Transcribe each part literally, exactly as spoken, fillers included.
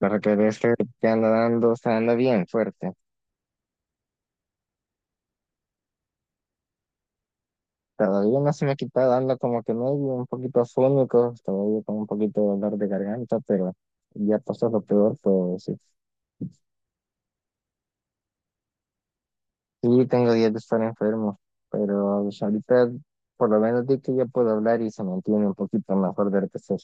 Para que veas que te anda dando, o sea, anda bien fuerte. Todavía no se me ha quitado dando como que medio un poquito afónico, todavía con un poquito de dolor de garganta, pero ya pasó lo peor, pues sí. Sí, tengo días de estar enfermo, pero pues, ahorita por lo menos di que ya puedo hablar y se me entiende un poquito mejor de lo que se,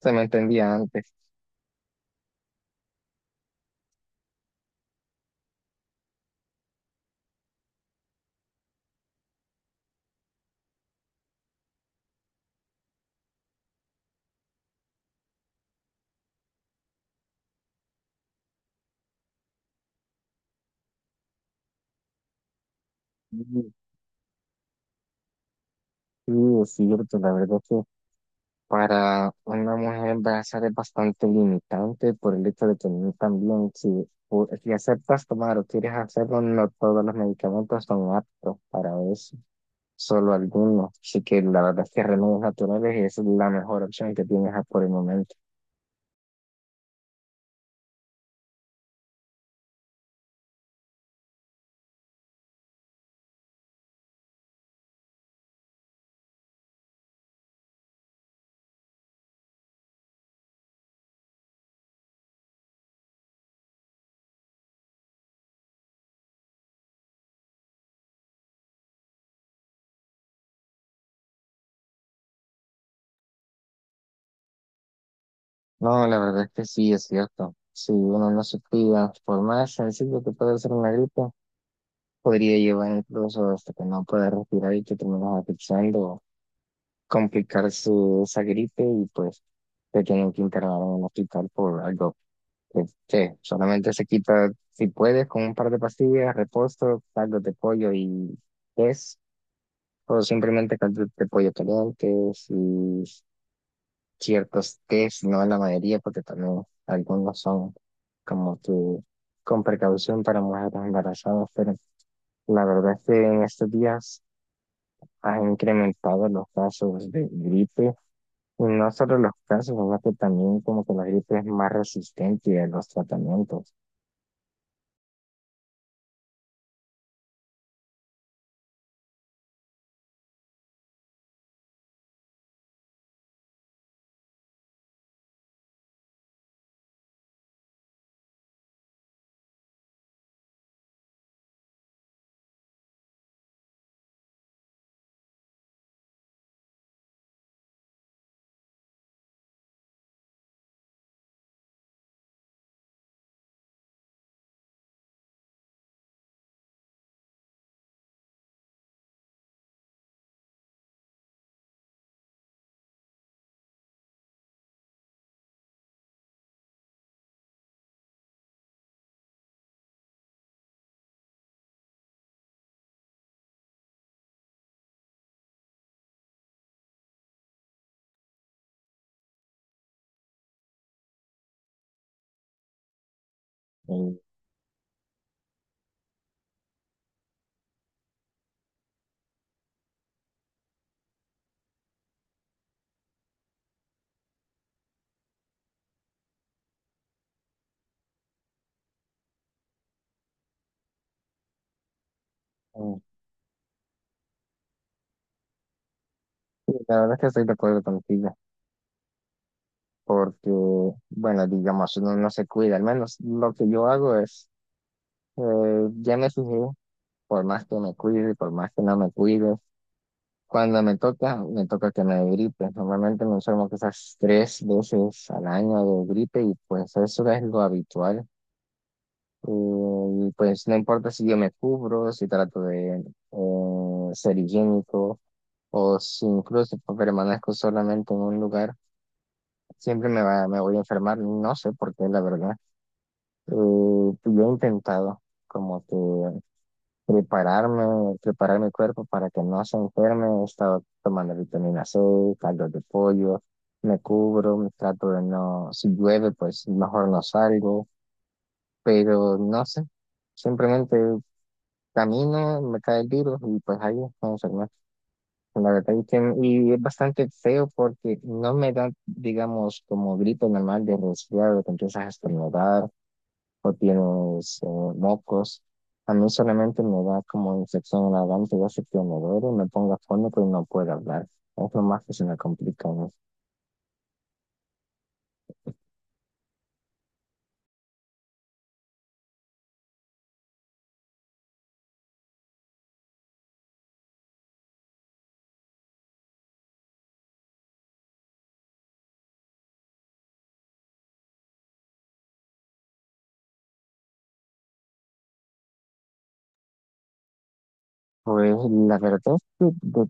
se me entendía antes. Sí, sí, es cierto, la verdad. Para una mujer va a ser bastante limitante por el hecho de que no también si, o- si aceptas tomar o quieres hacerlo, no todos los medicamentos son aptos para eso, solo algunos. Así que la verdad es que remedios naturales es la mejor opción que tienes a- por el momento. No, la verdad es que sí, es cierto. Si uno no se cuida, por más sencillo que pueda ser una gripe, podría llevar incluso hasta que no pueda respirar y que terminas asfixiando complicar su, esa gripe y pues te tienen que internar en un hospital por algo que, que solamente se quita si puedes con un par de pastillas, reposo, caldo de pollo y es o simplemente caldo de pollo caliente y ciertos tés, no la mayoría porque también algunos son como que con precaución para mujeres embarazadas, pero la verdad es que en estos días ha incrementado los casos de gripe. Y no solo los casos, ¿verdad? Que también como que la gripe es más resistente a los tratamientos. Y, mm, sí, la verdad es que estoy de acuerdo contigo, porque, bueno, digamos, uno no se cuida. Al menos lo que yo hago es, eh, ya me fijé, por más que me cuide, por más que no me cuide, cuando me toca, me toca que me dé gripe. Normalmente me enfermo quizás tres veces al año de gripe y pues eso es lo habitual. Eh, pues no importa si yo me cubro, si trato de eh, ser higiénico o si incluso permanezco solamente en un lugar, siempre me va, me voy a enfermar, no sé por qué, la verdad. Eh, pues, yo he intentado como que prepararme, preparar mi cuerpo para que no se enferme, he estado tomando vitamina C, caldo de pollo, me cubro, me trato de no, si llueve, pues mejor no salgo, pero no sé. Simplemente camino, me cae el virus y pues ahí no. La verdad es que y es bastante feo porque no me da, digamos, como grito normal de resfriado, te empiezas a estornudar o tienes eh, mocos. A mí solamente me da como infección en la garganta, yo sé que me duele, me pongo afónico y no puedo hablar. Es lo más que se me complica, ¿no? Pues la verdad es que de,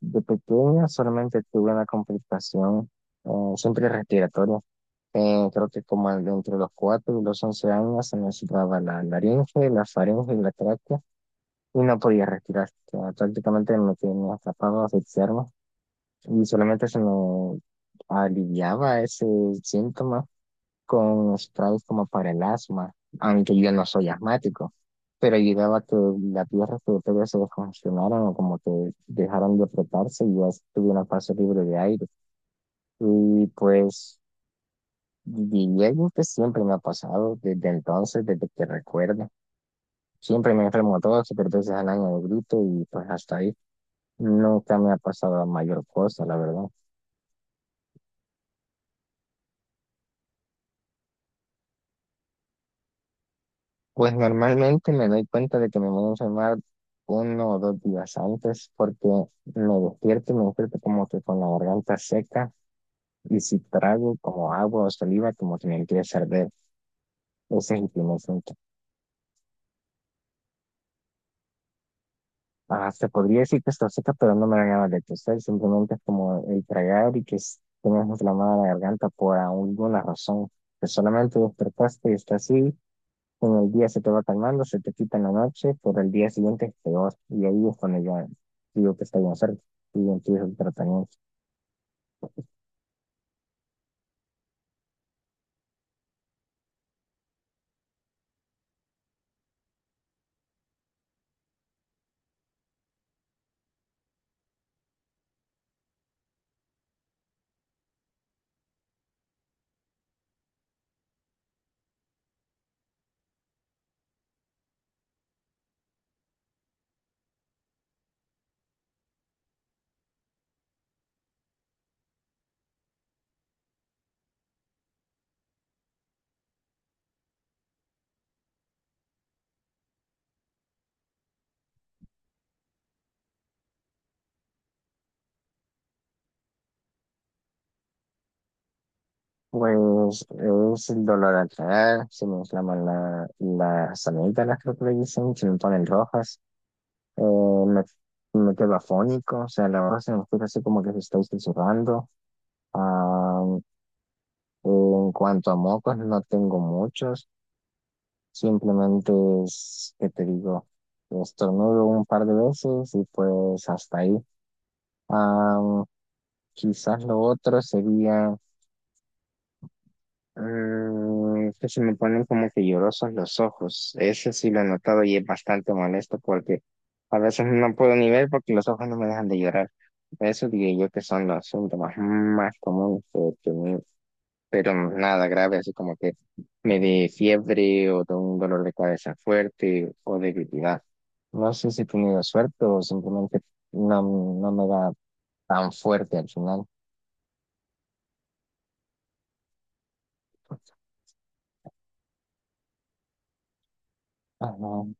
de pequeña solamente tuve una complicación eh, siempre respiratoria. Eh, creo que como al- entre los cuatro y los once años se me situaba la laringe, la faringe y la tráquea y no podía respirar. O sea, prácticamente me tenía atrapado, a asfixiarme y solamente se me aliviaba ese síntoma con sprays como para el asma, aunque yo no soy asmático. Pero ayudaba a que las vías respiratorias se descongestionaran o como que dejaran de apretarse y ya tuve una fase libre de aire. Y pues y diría que siempre me ha pasado desde entonces, desde que recuerdo. Siempre me enfermo dos o tres veces al año de grito y pues hasta ahí nunca me ha pasado mayor cosa, la verdad. Pues normalmente me doy cuenta de que me voy a enfermar uno o dos días antes porque me despierto y me despierto como que con la garganta seca y si trago como agua o saliva como que me empieza a arder. Ese es el primer síntoma. Ah, se podría decir que está seca, pero no me la llama de toser, simplemente es como el tragar y que s- tengas inflamada la garganta por alguna razón, que solamente despertaste y está así, en el día se te va calmando, se te quita en la noche, pero el día siguiente es peor, y ahí es cuando ya digo que está bien cerca, y empieza el tratamiento. Pues es el dolor al tragar, se me inflaman la, las amígdalas, creo que le dicen, se me ponen rojas, eh, me, me quedo afónico, o sea, la verdad se me escucha así como que se está susurrando. Ah, en cuanto a mocos, no tengo muchos, simplemente es que te digo, estornudo un par de veces y pues hasta ahí. Ah, quizás lo otro sería Mm, que se me ponen como que llorosos los ojos. Ese sí lo he notado y es bastante molesto porque a veces no puedo ni ver porque los ojos no me dejan de llorar. Eso diría yo que son los síntomas más comunes que he tenido, pero nada grave, así como que me dé fiebre o de un dolor de cabeza fuerte o debilidad. No sé si he tenido suerte o simplemente no, no me da tan fuerte al final. Ah, no.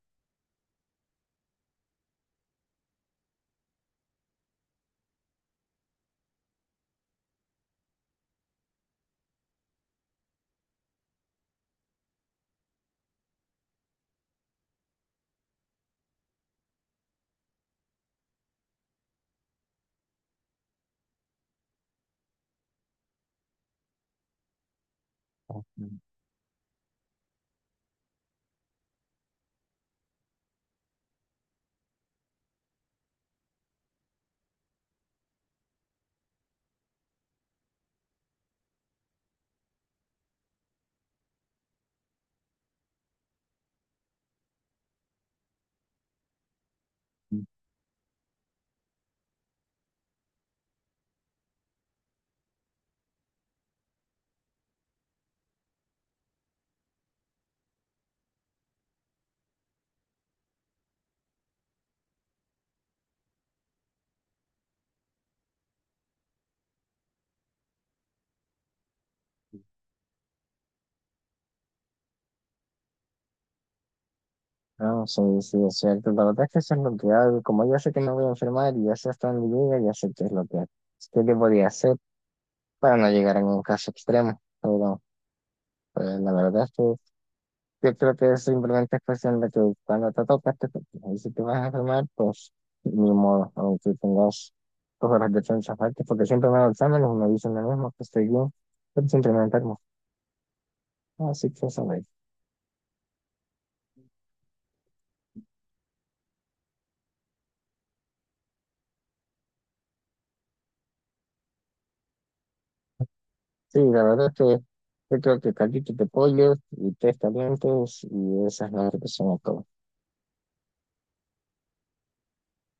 No, sí, sí, es cierto. La verdad es que eso es lo que hago. Como yo sé que me voy a enfermar y ya sé hasta dónde llega, ya sé qué es lo que, qué que podía hacer para no llegar a un caso extremo. Pero pues, la verdad es que yo creo que es simplemente cuestión de que cuando te tocas, te tocas. Y si te vas a enfermar, pues ni modo, aunque tengas tus horas de chance aparte, porque siempre me hago exámenes y me dicen lo mismo, que estoy bien, pero siempre me enfermo. Así que eso. Sí, la verdad es que yo creo que caldito de pollo y tres calientes y esas son las que son